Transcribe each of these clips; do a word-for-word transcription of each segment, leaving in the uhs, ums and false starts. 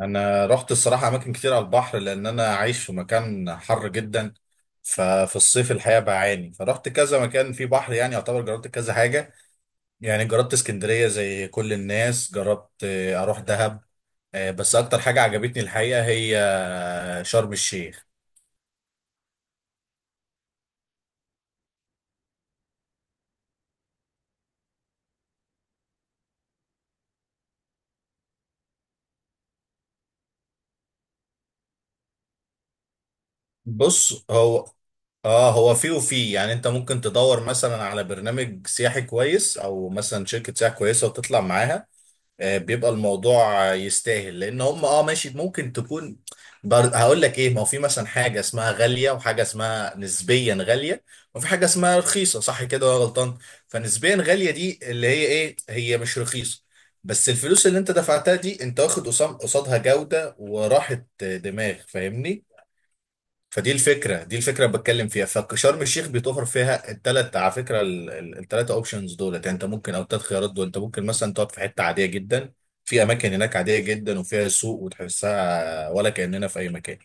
انا رحت الصراحه اماكن كتير على البحر، لان انا عايش في مكان حر جدا. ففي الصيف الحقيقه بعاني، فرحت كذا مكان فيه بحر، يعني يعتبر جربت كذا حاجه. يعني جربت اسكندريه زي كل الناس، جربت آه، اروح دهب. آه، بس اكتر حاجه عجبتني الحقيقه هي آه، شرم الشيخ. بص، هو اه هو فيه وفيه. يعني انت ممكن تدور مثلا على برنامج سياحي كويس، او مثلا شركه سياحه كويسه وتطلع معاها. آه، بيبقى الموضوع آه، يستاهل، لان هم اه ماشي، ممكن تكون. بر... هقول لك ايه، ما هو في مثلا حاجه اسمها غاليه، وحاجه اسمها نسبيا غاليه، وفي حاجه اسمها رخيصه، صح كده ولا غلطان؟ فنسبيا غاليه دي اللي هي ايه، هي مش رخيصه، بس الفلوس اللي انت دفعتها دي انت واخد قصام- قصادها جوده وراحه آه، دماغ، فاهمني؟ فدي الفكره دي الفكره اللي بتكلم فيها. فشرم الشيخ بيتوفر فيها الثلاث، على فكره الثلاثه اوبشنز دولت يعني انت ممكن، او الثلاث خيارات دول، انت ممكن مثلا تقعد في حته عاديه جدا. في اماكن هناك عاديه جدا، وفيها سوق وتحسها ولا كاننا في اي مكان.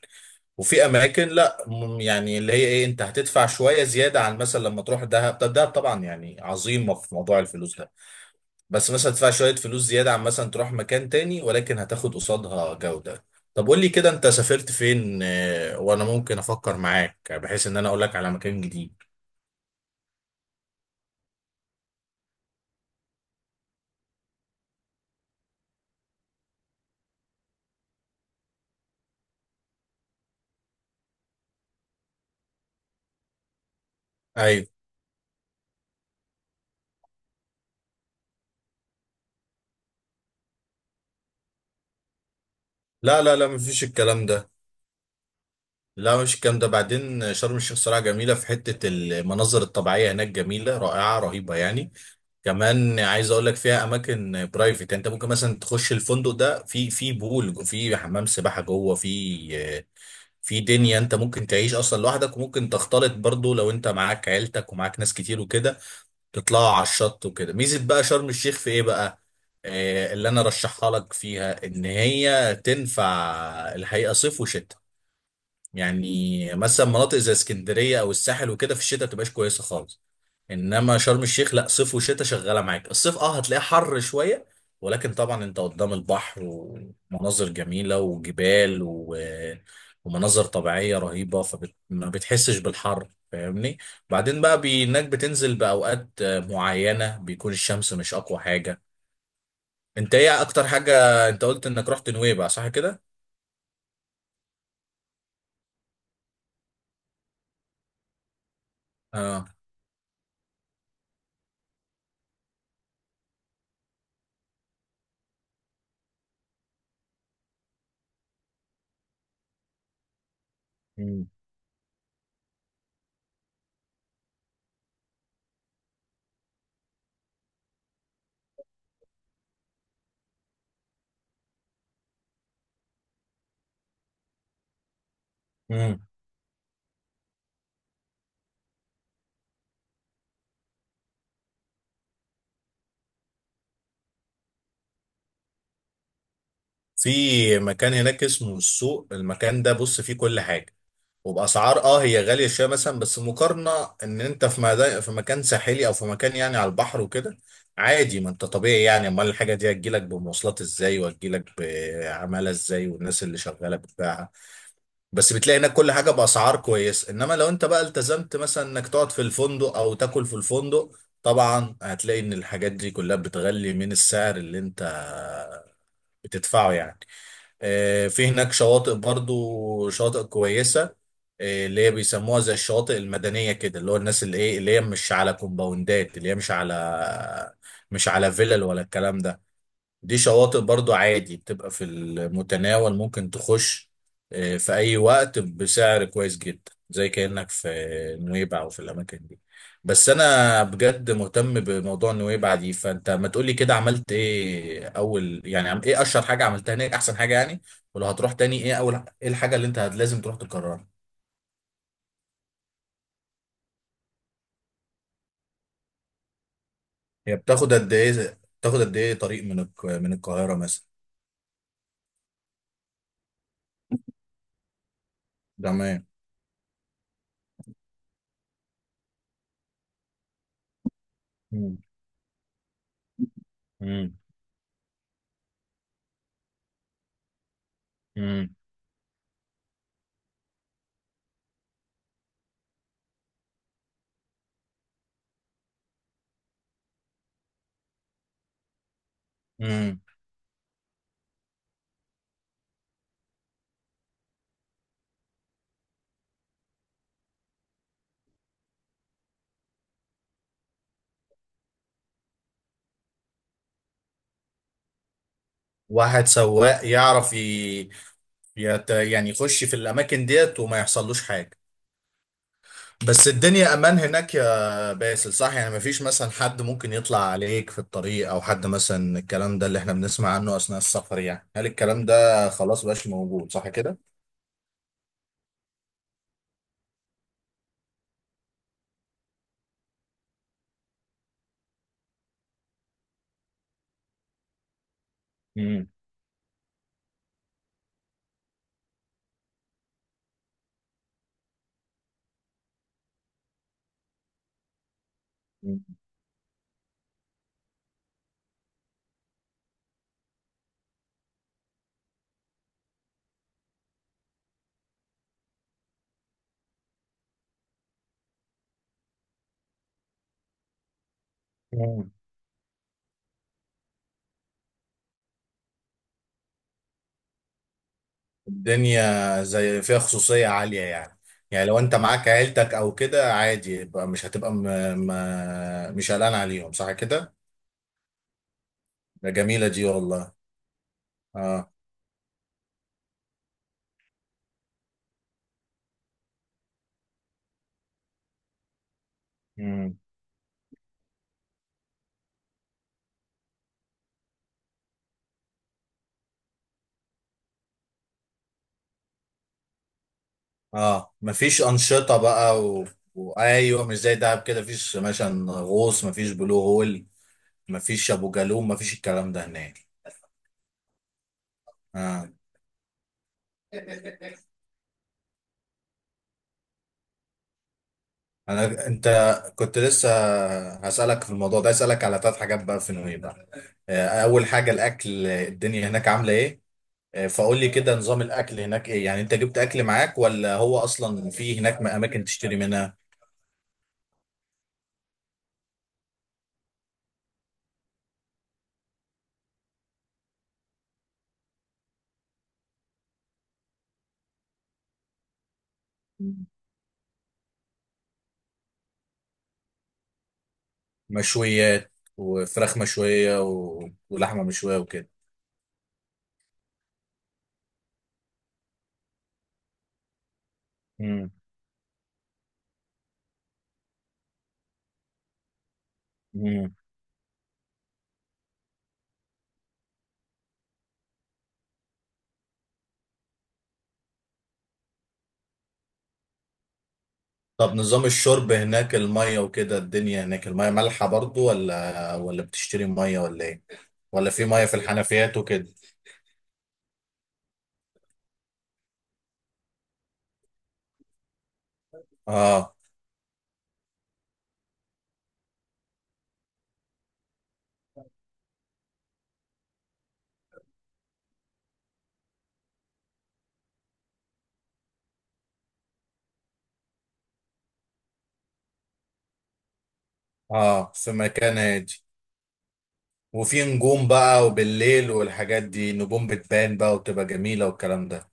وفي اماكن لا م- يعني اللي هي ايه، انت هتدفع شويه زياده عن مثلا لما تروح دهب. طب دهب طبعا يعني عظيمه في موضوع الفلوس ده، بس مثلا تدفع شوية فلوس زيادة عن مثلا تروح مكان تاني، ولكن هتاخد قصادها جودة. طب قول لي كده، انت سافرت فين؟ آه، وانا ممكن افكر معاك، بحيث ان انا اقول لك على مكان جديد. ايوه. لا لا لا، مفيش الكلام ده. لا مش الكلام ده. بعدين شرم الشيخ صراحة جميلة، في حتة المناظر الطبيعية هناك جميلة رائعة رهيبة يعني. كمان عايز اقول لك فيها اماكن برايفت، يعني انت ممكن مثلا تخش الفندق ده، في في بول، في حمام سباحه جوه، في آه، في دنيا. انت ممكن تعيش اصلا لوحدك، وممكن تختلط برضو لو انت معاك عيلتك ومعاك ناس كتير وكده، تطلعوا على الشط وكده. ميزة بقى شرم الشيخ في ايه بقى؟ آه اللي انا رشحها لك فيها ان هي تنفع الحقيقة صيف وشتاء. يعني مثلا مناطق زي اسكندرية او الساحل وكده في الشتاء تبقاش كويسة خالص، انما شرم الشيخ لا، صيف وشتاء شغاله معاك. الصيف اه هتلاقيه حر شويه، ولكن طبعا انت قدام البحر، ومناظر جميله وجبال و... ومناظر طبيعيه رهيبه، فما بتحسش بالحر، فاهمني؟ بعدين بقى بي- انك بتنزل باوقات آه، معينه، بيكون الشمس مش اقوى حاجه. انت ايه اكتر حاجه؟ انت قلت انك رحت نويبع، صح كده؟ اه. مم. مم. في مكان هناك اسمه السوق، المكان ده بص فيه كل حاجه. وباسعار اه هي غاليه شويه مثلا، بس مقارنه ان انت في مدان في مكان ساحلي او في مكان يعني على البحر وكده، عادي، ما انت طبيعي يعني. امال الحاجه دي هتجيلك بمواصلات ازاي، وهتجيلك بعماله ازاي، والناس اللي شغاله بتبيعها؟ بس بتلاقي هناك كل حاجه باسعار كويس. انما لو انت بقى التزمت مثلا انك تقعد في الفندق او تاكل في الفندق، طبعا هتلاقي ان الحاجات دي كلها بتغلي من السعر اللي انت بتدفعه يعني. آه، في هناك شواطئ برضو، شواطئ كويسة. آه، اللي هي بيسموها زي الشواطئ المدنية كده، اللي هو الناس اللي ايه، اللي هي مش على كومباوندات، اللي هي مش على مش على فيلل ولا الكلام ده. دي شواطئ برضو عادي، بتبقى في المتناول، ممكن تخش آه، في أي وقت بسعر كويس جدا، زي كأنك في نويبع أو في الأماكن دي. بس أنا بجد مهتم بموضوع نويبع دي، فأنت ما تقولي كده، عملت إيه أول، يعني عم- إيه أشهر حاجة عملتها هناك، أحسن حاجة يعني، ولو هتروح تاني إيه أول، إيه الحاجة اللي أنت هت- لازم تروح تكررها؟ هي بتاخد قد إيه، بتاخد قد إيه طريق من الك- من القاهرة مثلا؟ تمام. مم. مم. مم. واحد سواق يعرف ي... يت... يعني يخش في الاماكن ديت، وما يحصلوش حاجه. بس الدنيا امان هناك يا باسل، صح؟ يعني مفيش مثلا حد ممكن يطلع عليك في الطريق، او حد مثلا الكلام ده اللي احنا بنسمع عنه اثناء السفر، يعني هل الكلام ده خلاص بقاش موجود، صح كده؟ مم. مم. الدنيا زي فيها خصوصية عالية يعني. يعني لو انت معاك عيلتك او كده عادي، يبقى مش هتبقى م... م... مش قلقان عليهم، صح كده؟ ده جميلة دي، والله. اه. اه، مفيش انشطه بقى و... وايوه مش زي دهب كده، مفيش مثلا غوص، مفيش بلو هول، مفيش ابو جالوم، مفيش الكلام ده هناك. اه. انا انت كنت لسه هسالك في الموضوع ده، اسالك على ثلاث حاجات بقى في نويبع. آه، اول حاجه الاكل، الدنيا هناك عامله ايه؟ آه، فقول لي كده، نظام الاكل هناك ايه يعني، انت جبت اكل معاك، ولا هو اصلا في هناك اماكن تشتري منها؟ مشويات. وفراخ مشويه و... ولحمه مشويه وكده. امم. طب نظام الشرب هناك، المية وكده، الدنيا هناك المية مالحة برضو، ولا ولا بتشتري مية، ولا ايه؟ ولا في مية في الحنفيات وكده؟ اه. اه، في مكان هادي. وفي نجوم بقى، وبالليل والحاجات دي نجوم بتبان بقى، وتبقى جميلة والكلام ده؟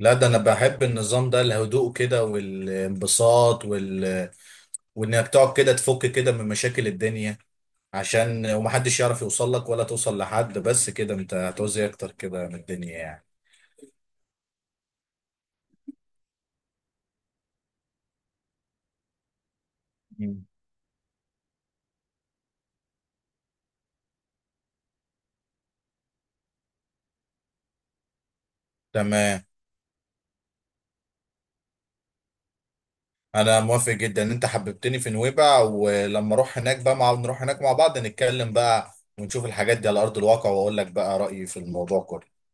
لا، ده انا بحب النظام ده، الهدوء كده والانبساط وال... وانك تقعد كده تفك كده من مشاكل الدنيا، عشان ومحدش يعرف يوصل لك ولا توصل لحد. بس كده انت هتعوز إيه اكتر كده من الدنيا يعني؟ مم. تمام. انا موافق جدا، ان انت حببتني في نويبع، ولما اروح هناك بقى مع نروح هناك مع بعض، نتكلم بقى ونشوف الحاجات دي على ارض الواقع، واقول لك بقى رأيي في الموضوع كله.